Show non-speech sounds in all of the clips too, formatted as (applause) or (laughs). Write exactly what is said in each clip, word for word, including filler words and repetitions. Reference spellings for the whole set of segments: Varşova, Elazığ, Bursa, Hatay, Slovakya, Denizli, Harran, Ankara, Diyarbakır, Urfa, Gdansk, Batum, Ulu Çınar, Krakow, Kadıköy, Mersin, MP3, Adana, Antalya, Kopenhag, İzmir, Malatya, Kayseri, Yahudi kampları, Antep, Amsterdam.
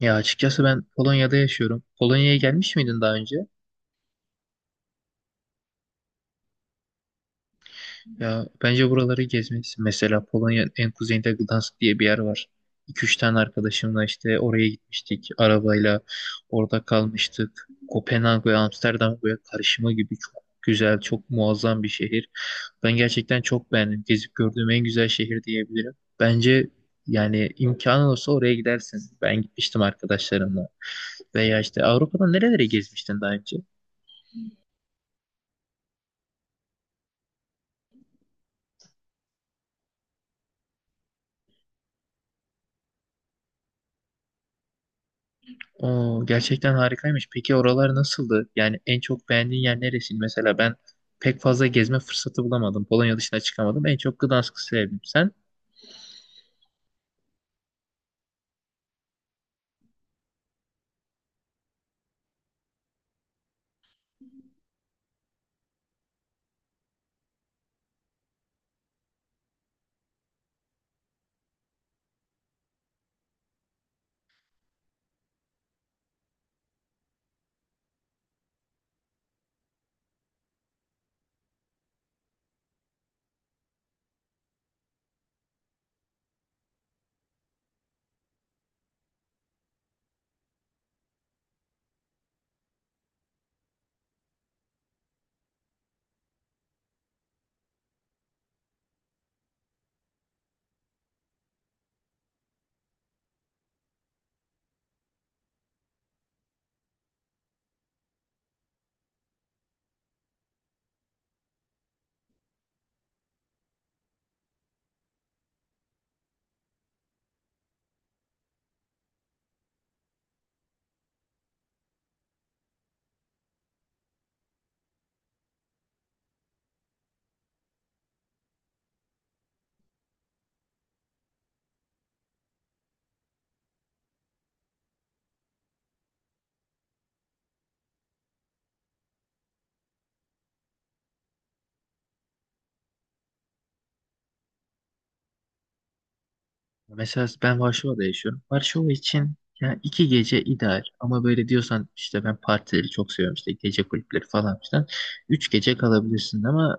Ya açıkçası ben Polonya'da yaşıyorum. Polonya'ya gelmiş miydin daha önce? Ya bence buraları gezmelisin. Mesela Polonya en kuzeyinde Gdansk diye bir yer var. iki üç tane arkadaşımla işte oraya gitmiştik arabayla. Orada kalmıştık. Kopenhag ve Amsterdam böyle karışımı gibi çok güzel, çok muazzam bir şehir. Ben gerçekten çok beğendim. Gezip gördüğüm en güzel şehir diyebilirim. Bence yani imkanın olsa oraya gidersin. Ben gitmiştim arkadaşlarımla. Veya işte Avrupa'da nerelere gezmiştin daha önce? Oo, gerçekten harikaymış. Peki oralar nasıldı? Yani en çok beğendiğin yer neresi? Mesela ben pek fazla gezme fırsatı bulamadım. Polonya dışına çıkamadım. En çok Gdansk'ı sevdim. Sen? Mesela ben Varşova'da yaşıyorum. Varşova için yani iki gece ideal. Ama böyle diyorsan işte ben partileri çok seviyorum işte gece kulüpleri falan filan. Üç gece kalabilirsin ama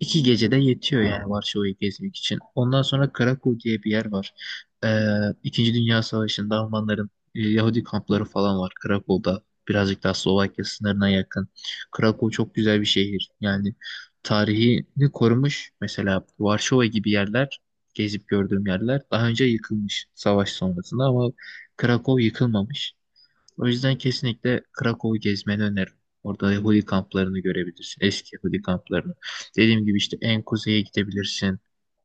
iki gecede yetiyor yani Varşova'yı gezmek için. Ondan sonra Krakow diye bir yer var. Ee, İkinci Dünya Savaşı'nda Almanların e, Yahudi kampları falan var Krakow'da. Birazcık daha Slovakya sınırına yakın. Krakow çok güzel bir şehir. Yani tarihini korumuş. Mesela Varşova gibi yerler gezip gördüğüm yerler. Daha önce yıkılmış savaş sonrasında ama Krakow yıkılmamış. O yüzden kesinlikle Krakow'u gezmeni öneririm. Orada Yahudi kamplarını görebilirsin. Eski Yahudi kamplarını. Dediğim gibi işte en kuzeye gidebilirsin.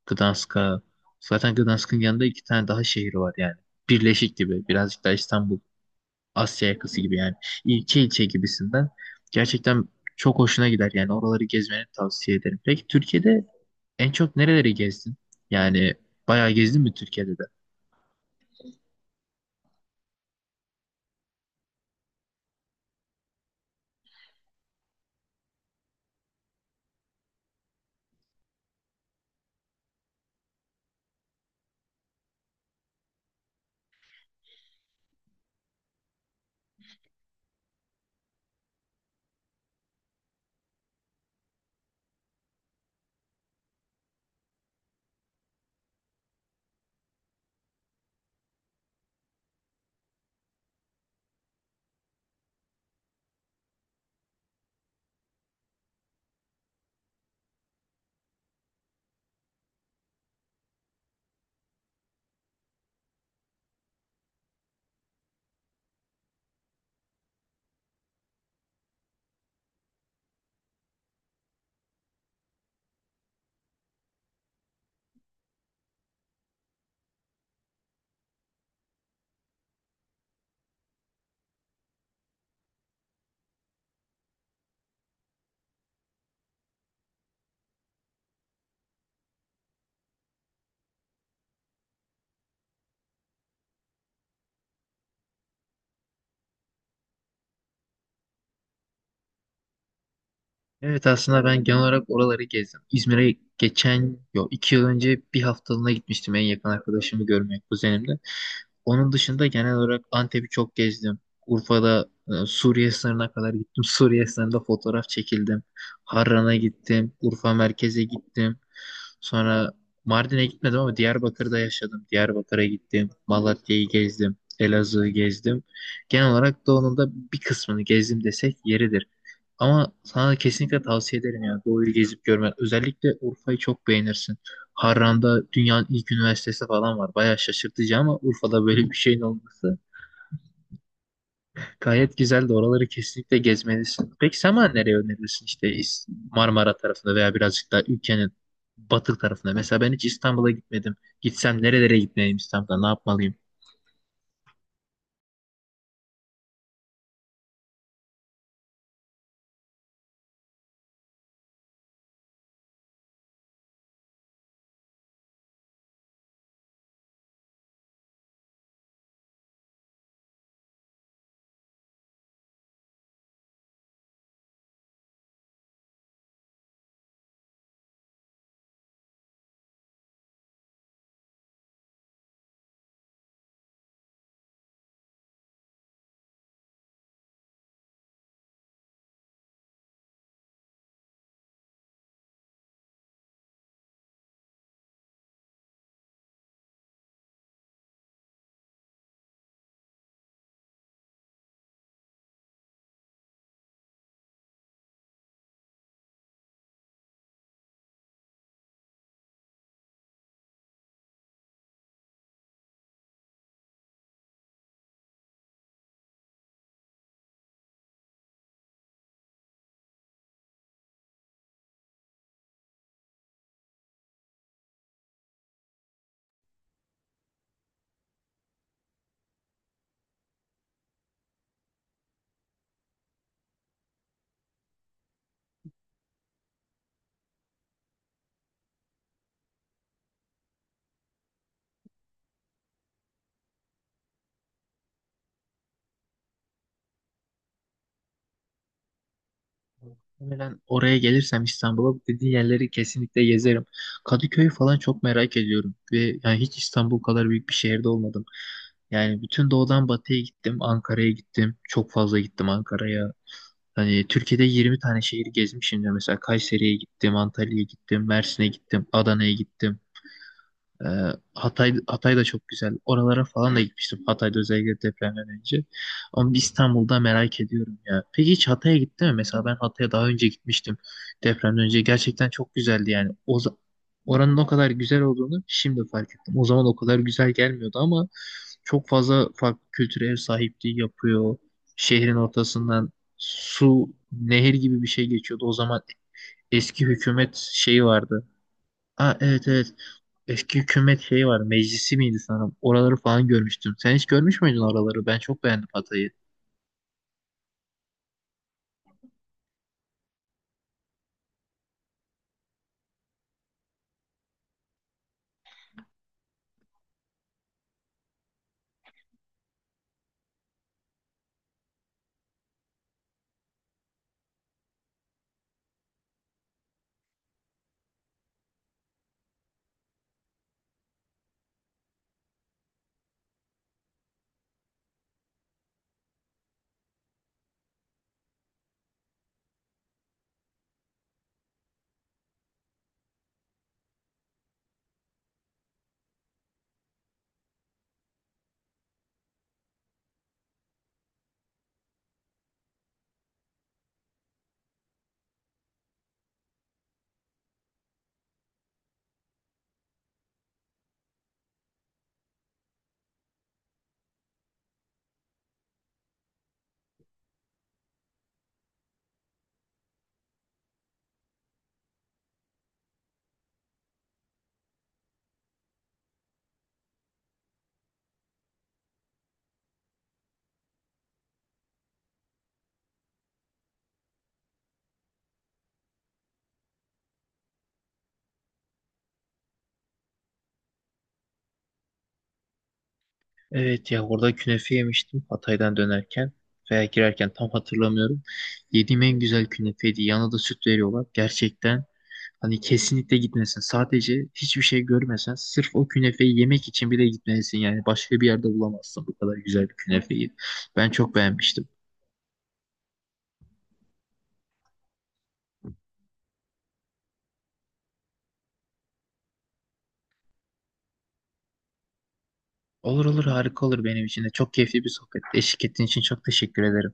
Gdansk'a. Zaten Gdansk'ın yanında iki tane daha şehir var yani. Birleşik gibi. Birazcık daha İstanbul. Asya yakası gibi yani. İlçe ilçe gibisinden. Gerçekten çok hoşuna gider yani. Oraları gezmeni tavsiye ederim. Peki Türkiye'de en çok nereleri gezdin? Yani bayağı gezdin mi Türkiye'de de? Evet aslında ben genel olarak oraları gezdim. İzmir'e geçen, yok iki yıl önce bir haftalığına gitmiştim en yakın arkadaşımı görmeye kuzenimle. Onun dışında genel olarak Antep'i çok gezdim. Urfa'da e, Suriye sınırına kadar gittim. (laughs) Suriye sınırında fotoğraf çekildim. Harran'a gittim. Urfa merkeze gittim. Sonra Mardin'e gitmedim ama Diyarbakır'da yaşadım. Diyarbakır'a gittim. Malatya'yı gezdim. Elazığ'ı gezdim. Genel olarak doğunun da bir kısmını gezdim desek yeridir. Ama sana kesinlikle tavsiye ederim ya doğuyu gezip görmen. Özellikle Urfa'yı çok beğenirsin. Harran'da dünyanın ilk üniversitesi falan var. Bayağı şaşırtıcı ama Urfa'da böyle bir şeyin olması gayet güzel de oraları kesinlikle gezmelisin. Peki sen bana nereye önerirsin işte İs- Marmara tarafında veya birazcık daha ülkenin batı tarafında. Mesela ben hiç İstanbul'a gitmedim. Gitsem nerelere gitmeliyim İstanbul'da ne yapmalıyım? Muhtemelen oraya gelirsem İstanbul'a bu dediğin yerleri kesinlikle gezerim. Kadıköy'ü falan çok merak ediyorum ve yani hiç İstanbul kadar büyük bir şehirde olmadım. Yani bütün doğudan batıya gittim, Ankara'ya gittim. Çok fazla gittim Ankara'ya. Hani Türkiye'de yirmi tane şehir gezmişim de mesela Kayseri'ye gittim, Antalya'ya gittim, Mersin'e gittim, Adana'ya gittim. Ee, Hatay, Hatay da çok güzel. Oralara falan da gitmiştim. Hatay'da özellikle depremden önce. Ama İstanbul'da merak ediyorum ya. Peki hiç Hatay'a gitti mi? Mesela ben Hatay'a daha önce gitmiştim. Depremden önce gerçekten çok güzeldi yani. O za- oranın o kadar güzel olduğunu şimdi fark ettim. O zaman o kadar güzel gelmiyordu ama çok fazla farklı kültüre ev sahipliği yapıyor. Şehrin ortasından su, nehir gibi bir şey geçiyordu. O zaman eski hükümet şeyi vardı. Aa, evet evet. Eski hükümet şeyi var. Meclisi miydi sanırım? Oraları falan görmüştüm. Sen hiç görmüş müydün oraları? Ben çok beğendim Hatay'ı. Evet ya orada künefe yemiştim Hatay'dan dönerken veya girerken tam hatırlamıyorum. Yediğim en güzel künefeydi. Yanına da süt veriyorlar. Gerçekten hani kesinlikle gitmesin. Sadece hiçbir şey görmesen sırf o künefeyi yemek için bile gitmelisin. Yani başka bir yerde bulamazsın bu kadar güzel bir künefeyi. Ben çok beğenmiştim. Olur olur harika olur benim için de. Çok keyifli bir sohbet. Eşlik ettiğin için çok teşekkür ederim.